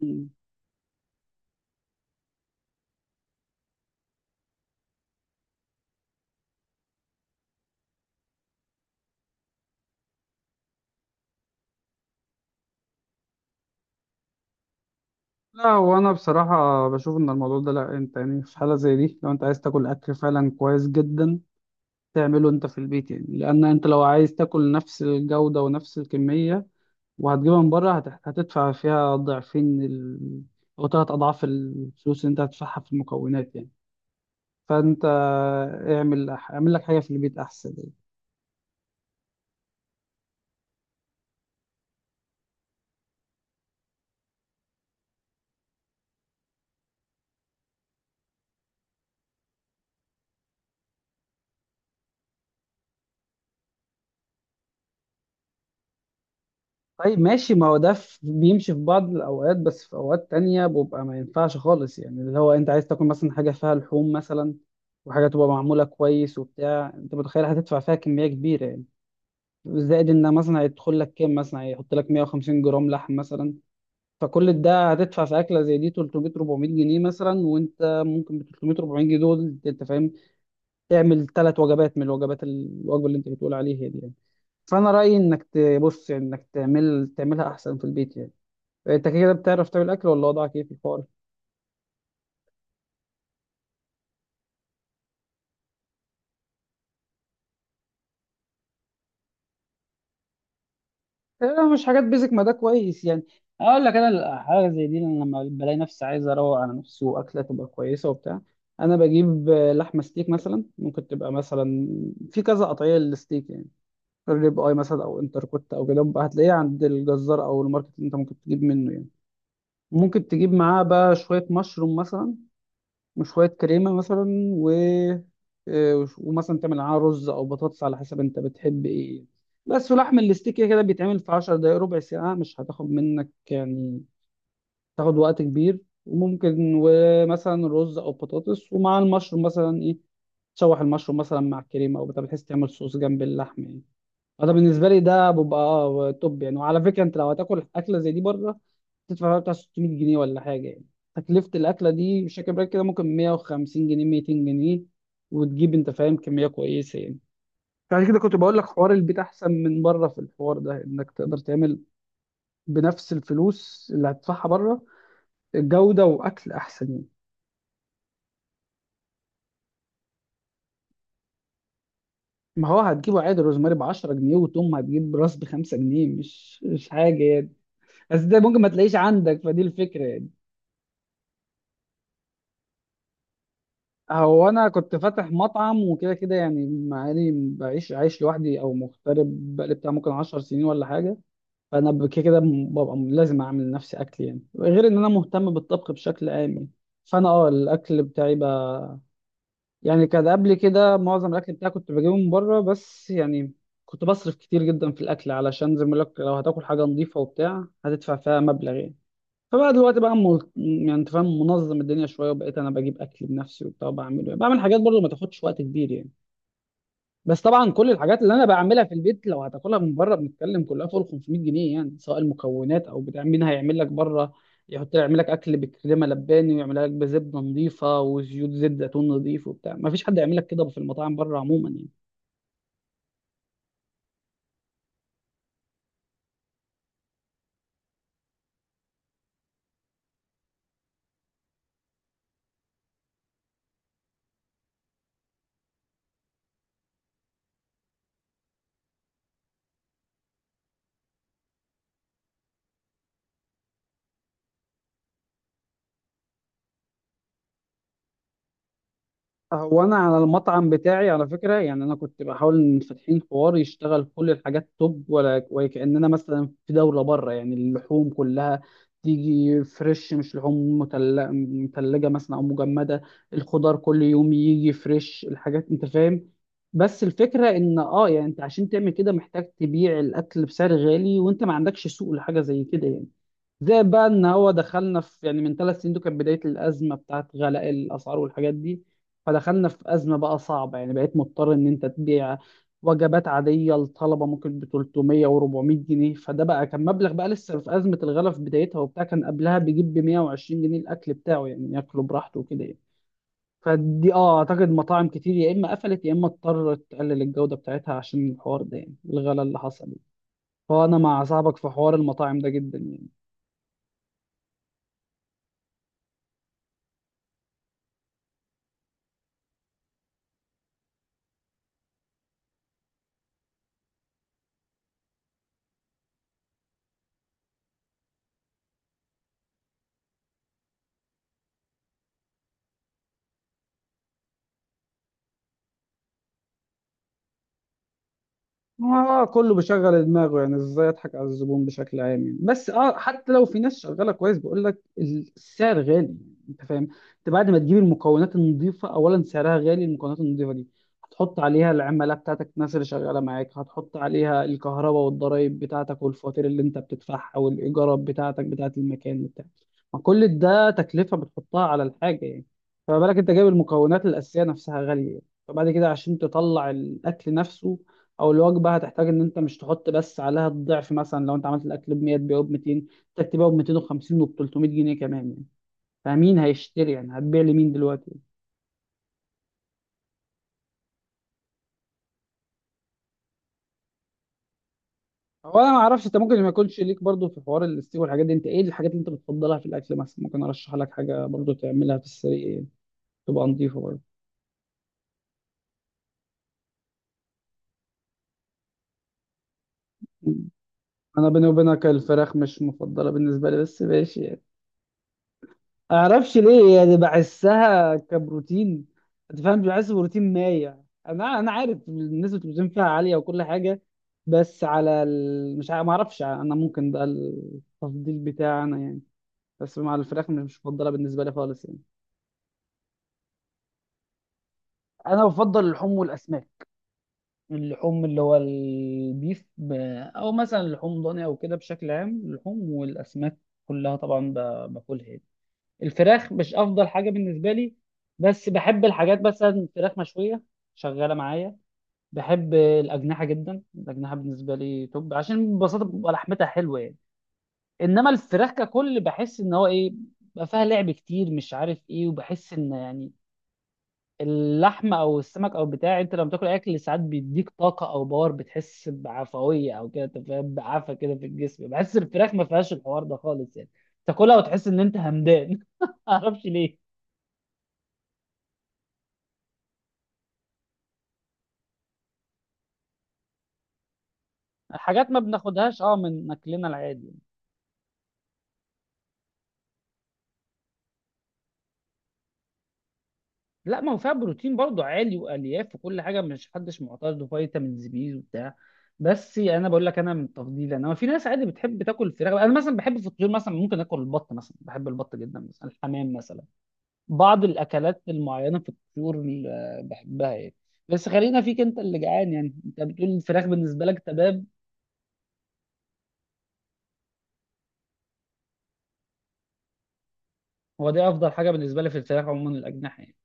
مم. لا، وانا بصراحة بشوف ان الموضوع ده، لا انت يعني في حالة زي دي لو انت عايز تاكل اكل فعلا كويس جدا تعمله انت في البيت، يعني لان انت لو عايز تاكل نفس الجودة ونفس الكمية وهتجيبها من بره هتدفع فيها ضعفين او ثلاث اضعاف الفلوس اللي انت هتدفعها في المكونات يعني. فانت اعمل لك حاجة في البيت احسن يعني. طيب ماشي، ما هو ده بيمشي في بعض الأوقات، بس في أوقات تانية بيبقى ما ينفعش خالص، يعني اللي هو أنت عايز تاكل مثلا حاجة فيها لحوم مثلا وحاجة تبقى معمولة كويس وبتاع، أنت متخيل هتدفع فيها كمية كبيرة يعني. زائد إن مثلا هيدخل لك كام، مثلا هيحط لك 150 جرام لحم مثلا. فكل ده هتدفع في أكلة زي دي 300 400 جنيه مثلا، وأنت ممكن ب 300 400 جنيه دول أنت فاهم تعمل ثلاث وجبات من الوجبات، الوجبة اللي أنت بتقول عليها دي يعني. فأنا رأيي إنك تبص، يعني إنك تعملها أحسن في البيت يعني. انت كده بتعرف تعمل اكل ولا وضعك ايه في الحوار؟ لا، مش حاجات بيزك، ما ده كويس يعني. اقول لك انا حاجه زي دي، أنا لما بلاقي نفسي عايز اروق على نفسي واكله تبقى كويسه وبتاع، انا بجيب لحمه ستيك مثلا، ممكن تبقى مثلا في كذا قطعيه للستيك يعني، ريب اي مثلا او انتركوت او كده بقى، هتلاقيه عند الجزار او الماركت اللي انت ممكن تجيب منه يعني. ممكن تجيب معاه بقى شويه مشروم مثلا، وشوية كريمة مثلا، و ومثلا تعمل معاها رز أو بطاطس على حسب أنت بتحب إيه. بس ولحم الاستيك كده كده بيتعمل في 10 دقايق، ربع ساعة مش هتاخد منك يعني، تاخد وقت كبير. وممكن ومثلا رز أو بطاطس ومع المشروم مثلا إيه، تشوح المشروم مثلا مع الكريمة أو بتاع بحيث تعمل صوص جنب اللحم يعني. انا بالنسبه لي ده بيبقى اه توب يعني. وعلى فكره، انت لو هتاكل اكله زي دي بره تدفع فيها بتاع 600 جنيه ولا حاجه يعني. تكلفه الاكله دي مش فاكر بالك كده، ممكن 150 جنيه 200 جنيه، وتجيب انت فاهم كميه كويسه يعني. فعشان كده كنت بقول لك حوار البيت احسن من بره في الحوار ده، انك تقدر تعمل بنفس الفلوس اللي هتدفعها بره جوده واكل احسن يعني. ما هو هتجيبه عادي، روزماري ب 10 جنيه، وتوم هتجيب راس ب 5 جنيه، مش حاجه يعني. بس ده ممكن ما تلاقيش عندك، فدي الفكره يعني. هو انا كنت فاتح مطعم وكده كده يعني، مع اني بعيش عايش لوحدي او مغترب بقالي بتاع ممكن 10 سنين ولا حاجه. فانا ب- كده كده م- ببقى م- لازم اعمل لنفسي اكل يعني، غير ان انا مهتم بالطبخ بشكل عام يعني. فانا اه الاكل بتاعي بقى، يعني كان قبل كده معظم الاكل بتاعي كنت بجيبه من بره بس يعني، كنت بصرف كتير جدا في الاكل، علشان زي ما بقول لك لو هتاكل حاجه نظيفه وبتاع هتدفع فيها مبلغ يعني. فبقى دلوقتي بقى يعني انت فاهم منظم الدنيا شويه، وبقيت انا بجيب اكل بنفسي وبتاع وبعمله يعني، بعمل حاجات برضو ما تاخدش وقت كبير يعني. بس طبعا كل الحاجات اللي انا بعملها في البيت لو هتاكلها من بره بنتكلم كلها فوق ال 500 جنيه يعني، سواء المكونات او بتاع مين هيعمل لك بره، يحط يعمل لك اكل بكريمه لباني، ويعمل لك بزبده نظيفه وزيوت زيت، زيتون نظيف وبتاع، ما فيش حد يعمل لك كده في المطاعم بره عموما يعني. هو انا على المطعم بتاعي على فكره يعني، انا كنت بحاول ان فاتحين حوار يشتغل كل الحاجات توب، ولا وكاننا مثلا في دوله بره يعني، اللحوم كلها تيجي فريش مش لحوم متلجه مثلا او مجمده. الخضار كل يوم يجي فريش الحاجات انت فاهم. بس الفكره ان اه يعني انت عشان تعمل كده محتاج تبيع الاكل بسعر غالي، وانت ما عندكش سوق لحاجه زي كده يعني. زائد بقى ان هو دخلنا في يعني من ثلاث سنين، دول كانت بدايه الازمه بتاعت غلاء الاسعار والحاجات دي. فدخلنا في ازمه بقى صعبه يعني، بقيت مضطر ان انت تبيع وجبات عاديه لطلبه ممكن ب 300 و400 جنيه، فده بقى كان مبلغ بقى، لسه في ازمه الغلاء في بدايتها وبتاع، كان قبلها بيجيب ب 120 جنيه الاكل بتاعه يعني، ياكله براحته وكده يعني. فدي اه اعتقد مطاعم كتير يا اما قفلت يا اما اضطرت تقلل الجوده بتاعتها عشان الحوار ده يعني، الغلاء اللي حصل يعني. فانا مع صاحبك في حوار المطاعم ده جدا يعني. اه كله بيشغل دماغه يعني ازاي اضحك على الزبون بشكل عام يعني، بس اه حتى لو في ناس شغاله كويس بقول لك السعر غالي، انت فاهم. انت بعد ما تجيب المكونات النظيفه اولا سعرها غالي، المكونات النظيفه دي هتحط عليها العماله بتاعتك، الناس اللي شغاله معاك، هتحط عليها الكهرباء والضرايب بتاعتك والفواتير اللي انت بتدفعها والايجارات بتاعتك بتاعت المكان بتاعك، ما كل ده تكلفه بتحطها على الحاجه يعني. فما بالك انت جايب المكونات الاساسيه نفسها غاليه يعني. فبعد كده عشان تطلع الاكل نفسه او الوجبه، هتحتاج ان انت مش تحط بس عليها الضعف، مثلا لو انت عملت الاكل ب 100 تبيعه ب 200، محتاج تبيعه ب 250 وب 300 جنيه كمان يعني. فمين هيشتري يعني هتبيع لمين دلوقتي؟ هو انا ما اعرفش، انت ممكن ما يكونش ليك برضو في حوار الاستيك والحاجات دي، انت ايه الحاجات اللي انت بتفضلها في الاكل؟ مثلا ممكن ارشح لك حاجه برضو تعملها في السريع يعني، تبقى نظيفه برضو. انا بيني وبينك الفراخ مش مفضله بالنسبه لي، بس ماشي يعني. اعرفش ليه يعني، بحسها كبروتين، انت فاهم، بحس بروتين مايع. انا عارف نسبه البروتين فيها عاليه وكل حاجه، بس على مش ما اعرفش يعني، انا ممكن ده التفضيل بتاعي انا يعني. بس مع الفراخ مش مفضله بالنسبه لي خالص يعني. انا بفضل اللحوم والاسماك، اللحوم اللي هو البيف او مثلا لحوم ضاني او كده، بشكل عام اللحوم والاسماك كلها طبعا باكلها يعني. الفراخ مش افضل حاجه بالنسبه لي، بس بحب الحاجات مثلا فراخ مشويه شغاله معايا. بحب الاجنحه جدا، الاجنحه بالنسبه لي توب، عشان ببساطه بتبقى لحمتها حلوه يعني. انما الفراخ ككل بحس ان هو ايه، بقى فيها لعب كتير مش عارف ايه، وبحس ان يعني اللحمه او السمك او بتاع، انت لما بتاكل اكل ساعات بيديك طاقه او باور، بتحس بعفويه او كده، انت فاهم بعفه كده في الجسم، بحس الفراخ ما فيهاش الحوار ده خالص يعني. تاكلها وتحس ان انت همدان معرفش ليه. حاجات ما بناخدهاش اه من اكلنا العادي. لا ما هو فيها بروتين برضو عالي والياف وكل حاجه مش حدش معترض، وفيتامينز بي وبتاع. بس يعني انا بقول لك انا من تفضيلي انا. في ناس عادي بتحب تاكل الفراخ، انا مثلا بحب في الطيور، مثلا ممكن اكل البط مثلا، بحب البط جدا مثلا، الحمام مثلا، بعض الاكلات المعينه في الطيور اللي بحبها يعني. بس خلينا فيك انت اللي جعان يعني، انت بتقول الفراخ بالنسبه لك تمام. هو دي افضل حاجه بالنسبه لي في الفراخ عموما الاجنحه يعني.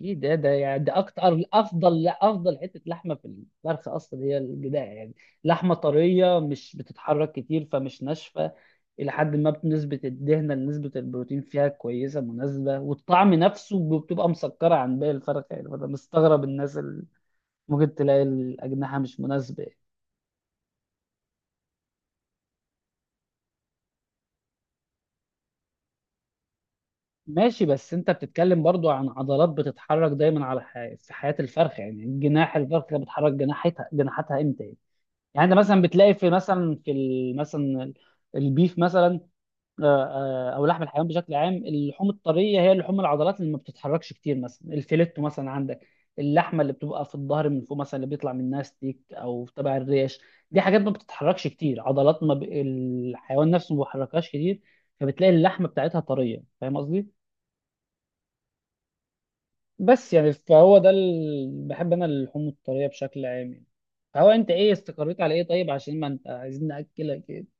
ايه ده اكتر افضل لا افضل حته لحمه في الفرخ اصلا هي الجداع يعني، لحمه طريه مش بتتحرك كتير فمش ناشفه، الى حد ما نسبه الدهنه لنسبه البروتين فيها كويسه مناسبه، والطعم نفسه بتبقى مسكره عن باقي الفرخ يعني. فانا مستغرب الناس اللي ممكن تلاقي الاجنحه مش مناسبه. ماشي، بس انت بتتكلم برضو عن عضلات بتتحرك دايما على في حياه الفرخ يعني، جناح الفرخ بتحرك جناحتها امتى يعني؟ يعني انت مثلا بتلاقي في مثلا مثلا البيف مثلا او لحم الحيوان بشكل عام، اللحوم الطريه هي لحوم العضلات اللي ما بتتحركش كتير، مثلا الفيليتو مثلا عندك، اللحمه اللي بتبقى في الظهر من فوق مثلا اللي بيطلع منها ستيك او تبع الريش، دي حاجات ما بتتحركش كتير، عضلات ما الحيوان نفسه ما بيحركهاش كتير، فبتلاقي اللحمه بتاعتها طريه، فاهم قصدي. بس يعني فهو ده بحب انا اللحوم الطريه بشكل عام يعني. فهو انت ايه استقريت على ايه؟ طيب عشان ما انت عايزين ناكلك إيه؟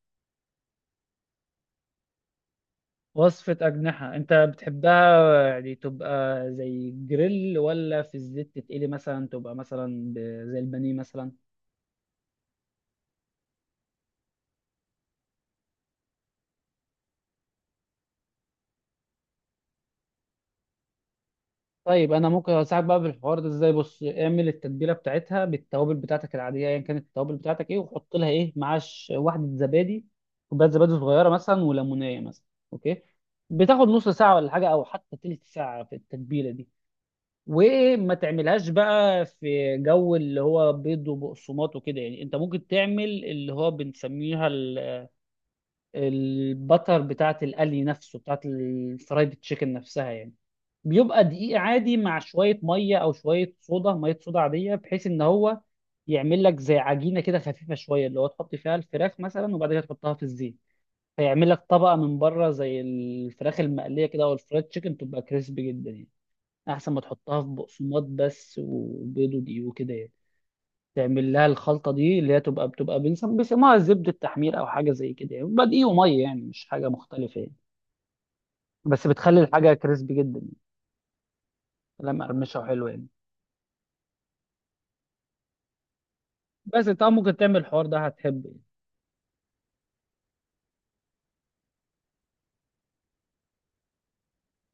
وصفة أجنحة أنت بتحبها يعني تبقى زي جريل ولا في الزيت تتقلي مثلا، تبقى مثلا زي البانيه مثلا؟ طيب أنا ممكن أساعدك بقى بالحوار ده إزاي، بص اعمل التتبيلة بتاعتها بالتوابل بتاعتك العادية، أيا كانت التوابل بتاعتك إيه، وحط لها إيه معاش واحدة زبادي، كوباية زبادي صغيرة مثلا وليمونية مثلا، أوكي؟ بتاخد نص ساعة ولا حاجة، أو حتى تلت ساعة في التتبيلة دي. وما تعملهاش بقى في جو اللي هو بيض وبقسماط وكده يعني، انت ممكن تعمل اللي هو بنسميها البتر بتاعت القلي نفسه بتاعت الفرايد تشيكن نفسها يعني. بيبقى دقيق عادي مع شوية مية أو شوية صودا، مية صودا عادية بحيث إن هو يعمل لك زي عجينة كده خفيفة شوية اللي هو تحط فيها الفراخ مثلا، وبعد كده تحطها في الزيت، فيعمل لك طبقة من بره زي الفراخ المقلية كده أو الفرايد تشيكن، تبقى كريسبي جدا يعني، احسن ما تحطها في بقسماط بس وبيض ودقيق وكده يعني. تعمل لها الخلطه دي اللي هي تبقى بتبقى بيسموها زبده تحمير او حاجه زي كده يعني، بيبقى دقيق وميه يعني مش حاجه مختلفه يعني، بس بتخلي الحاجه كريسبي جدا يعني، لما مقرمشه وحلوه يعني. بس طبعا ممكن تعمل الحوار ده هتحبه يعني.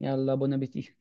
يلا، بون ابيتي.